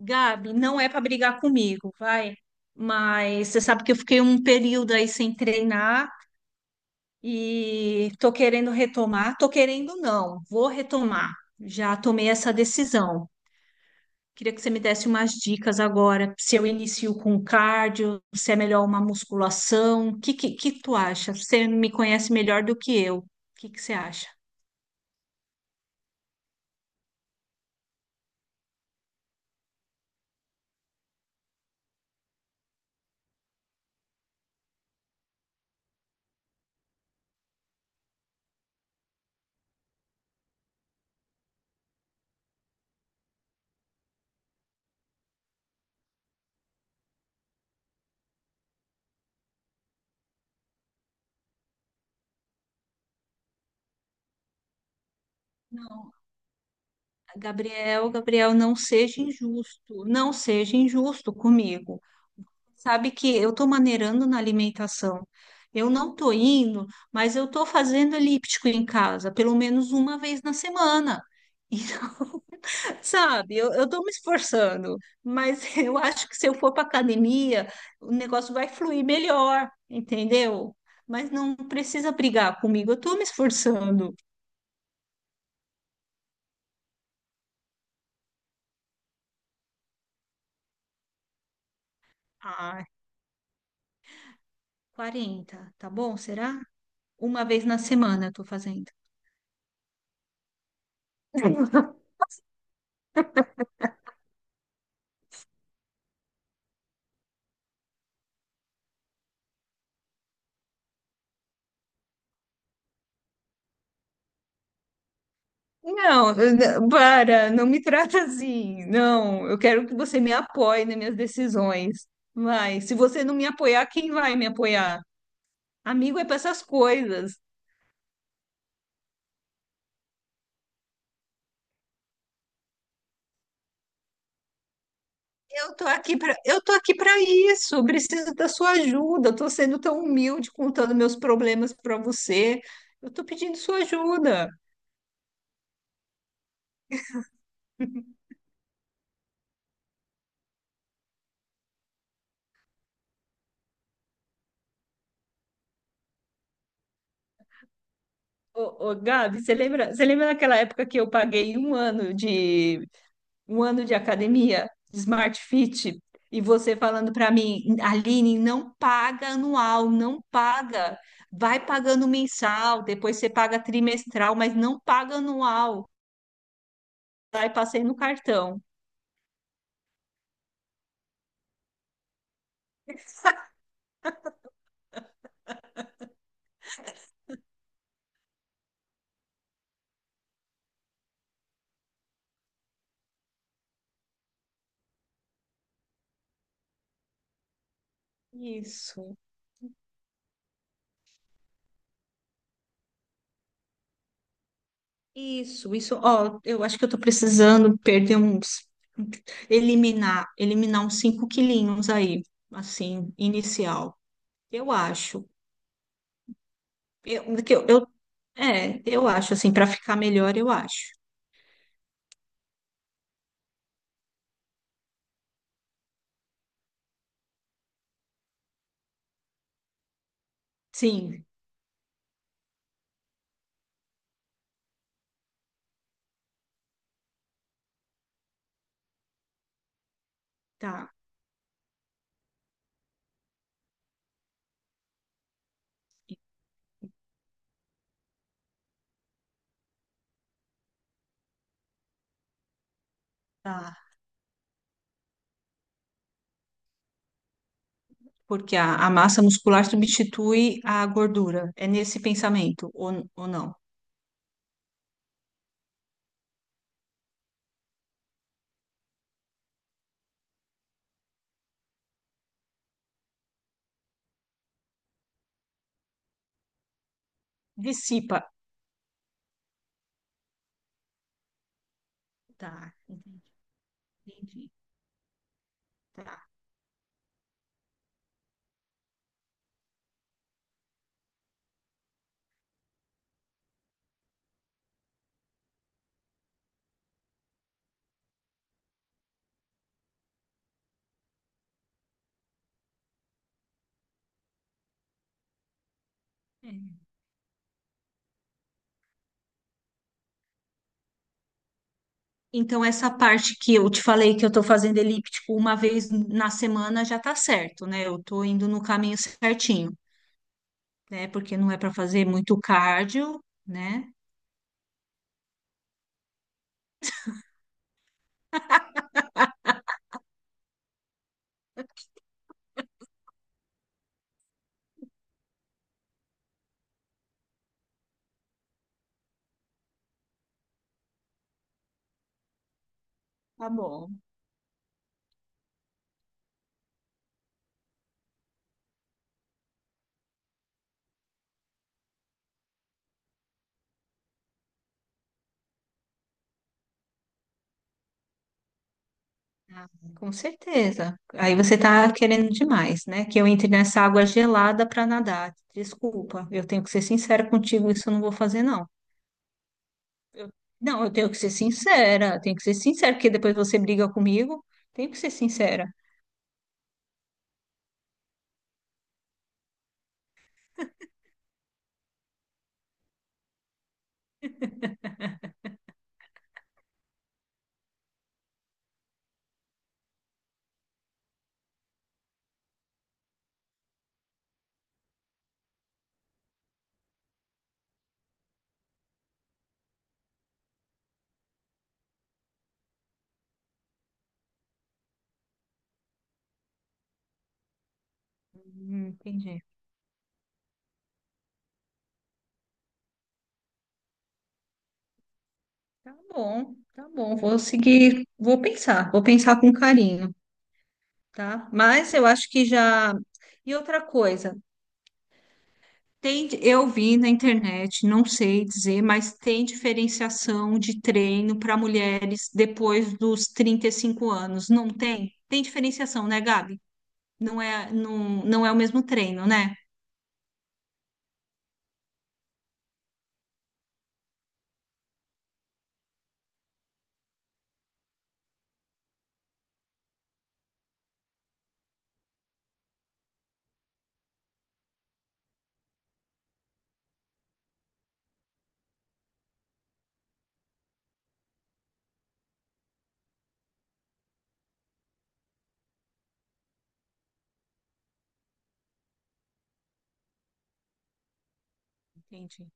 Gabi, não é para brigar comigo, vai. Mas você sabe que eu fiquei um período aí sem treinar e tô querendo retomar. Tô querendo não, vou retomar. Já tomei essa decisão. Queria que você me desse umas dicas agora, se eu inicio com cardio, se é melhor uma musculação, o que tu acha? Você me conhece melhor do que eu. O que você acha? Não, Gabriel, não seja injusto, não seja injusto comigo. Sabe que eu estou maneirando na alimentação. Eu não estou indo, mas eu estou fazendo elíptico em casa, pelo menos uma vez na semana. Sabe, eu tô me esforçando, mas eu acho que se eu for para academia, o negócio vai fluir melhor, entendeu? Mas não precisa brigar comigo, eu tô me esforçando. Ah, 40 tá bom? Será? Uma vez na semana eu tô fazendo. Não, para, não me trata assim. Não, eu quero que você me apoie nas minhas decisões. Mas se você não me apoiar, quem vai me apoiar? Amigo é para essas coisas. Eu tô aqui para isso. eu Preciso da sua ajuda. Eu tô sendo tão humilde contando meus problemas para você. Eu tô pedindo sua ajuda. Gabi, você lembra daquela época que eu paguei 1 ano de academia, de Smart Fit, e você falando para mim, Aline, não paga anual, não paga. Vai pagando mensal, depois você paga trimestral, mas não paga anual. Aí passei no cartão. Isso, isso, isso. Ó, eu acho que eu tô precisando eliminar, eliminar uns 5 quilinhos aí, assim, inicial. Eu acho. Eu, que eu- é, eu acho, assim, para ficar melhor, eu acho. Sim, tá, tá. Porque a massa muscular substitui a gordura. É nesse pensamento, ou não? Dissipa. Tá, entendi. Tá. É. Então, essa parte que eu te falei que eu tô fazendo elíptico uma vez na semana já tá certo, né? Eu tô indo no caminho certinho, né? Porque não é para fazer muito cardio, né? Tá bom. Ah, Com certeza. Aí você está querendo demais, né? Que eu entre nessa água gelada para nadar. Desculpa, eu tenho que ser sincera contigo, isso eu não vou fazer, não. Não, eu tenho que ser sincera, eu tenho que ser sincera, porque depois você briga comigo. Tenho que ser sincera. Entendi. Tá bom, tá bom. Vou seguir, vou pensar com carinho, tá? Mas eu acho que já. E outra coisa. Tem, eu vi na internet, não sei dizer, mas tem diferenciação de treino para mulheres depois dos 35 anos, não tem? Tem diferenciação, né, Gabi? Não é, não, não é o mesmo treino, né? Entendi.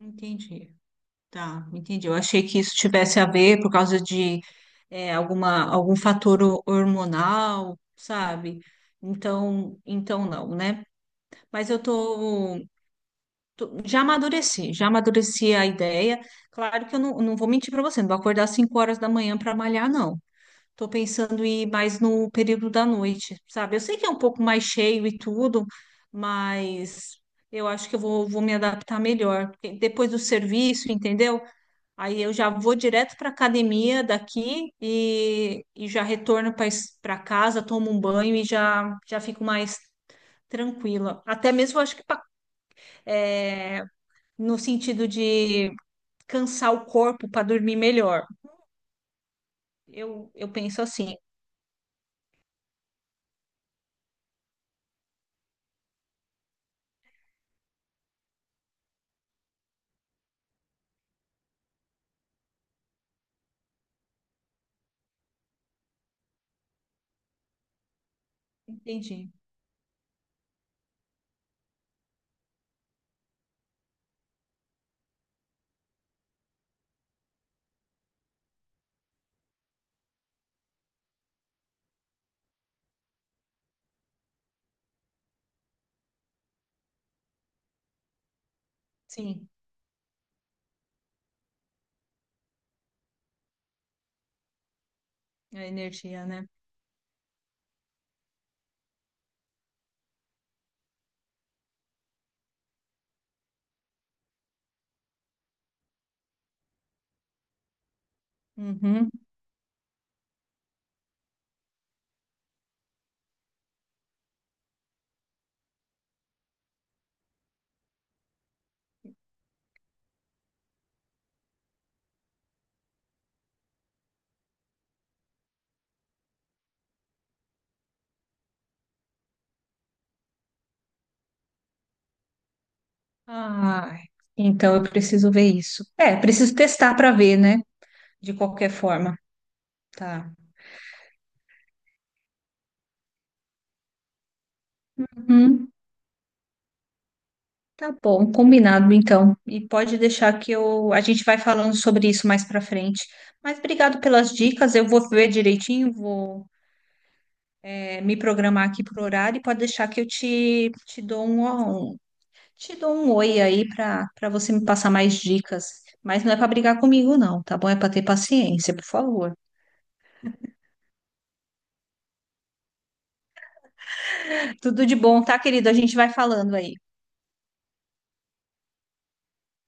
Entendi. Tá, entendi. Eu achei que isso tivesse a ver por causa de alguma, hormonal, sabe? Então, então não, né? Mas eu tô Tô, já amadureci, já amadureci a ideia. Claro que eu não, não vou mentir para você, não vou acordar às 5 horas da manhã para malhar, não. Estou pensando em ir mais no período da noite, sabe? Eu sei que é um pouco mais cheio e tudo, mas eu acho que vou me adaptar melhor. Porque depois do serviço, entendeu? Aí eu já vou direto para academia daqui e já retorno para casa, tomo um banho e já fico mais tranquila. Até mesmo, eu acho que para no sentido de cansar o corpo para dormir melhor. Eu penso assim, entendi. Sim, a energia, né? Uhum. Ai, então eu preciso ver isso. É, preciso testar para ver, né? De qualquer forma. Tá. Uhum. Tá bom, combinado então. E pode deixar que eu a gente vai falando sobre isso mais para frente. Mas obrigado pelas dicas. Eu vou ver direitinho, vou é, me programar aqui por horário e pode deixar que eu te dou um, te dou um oi aí para você me passar mais dicas, mas não é para brigar comigo, não, tá bom? É para ter paciência, por favor. Tudo de bom, tá, querido? A gente vai falando aí.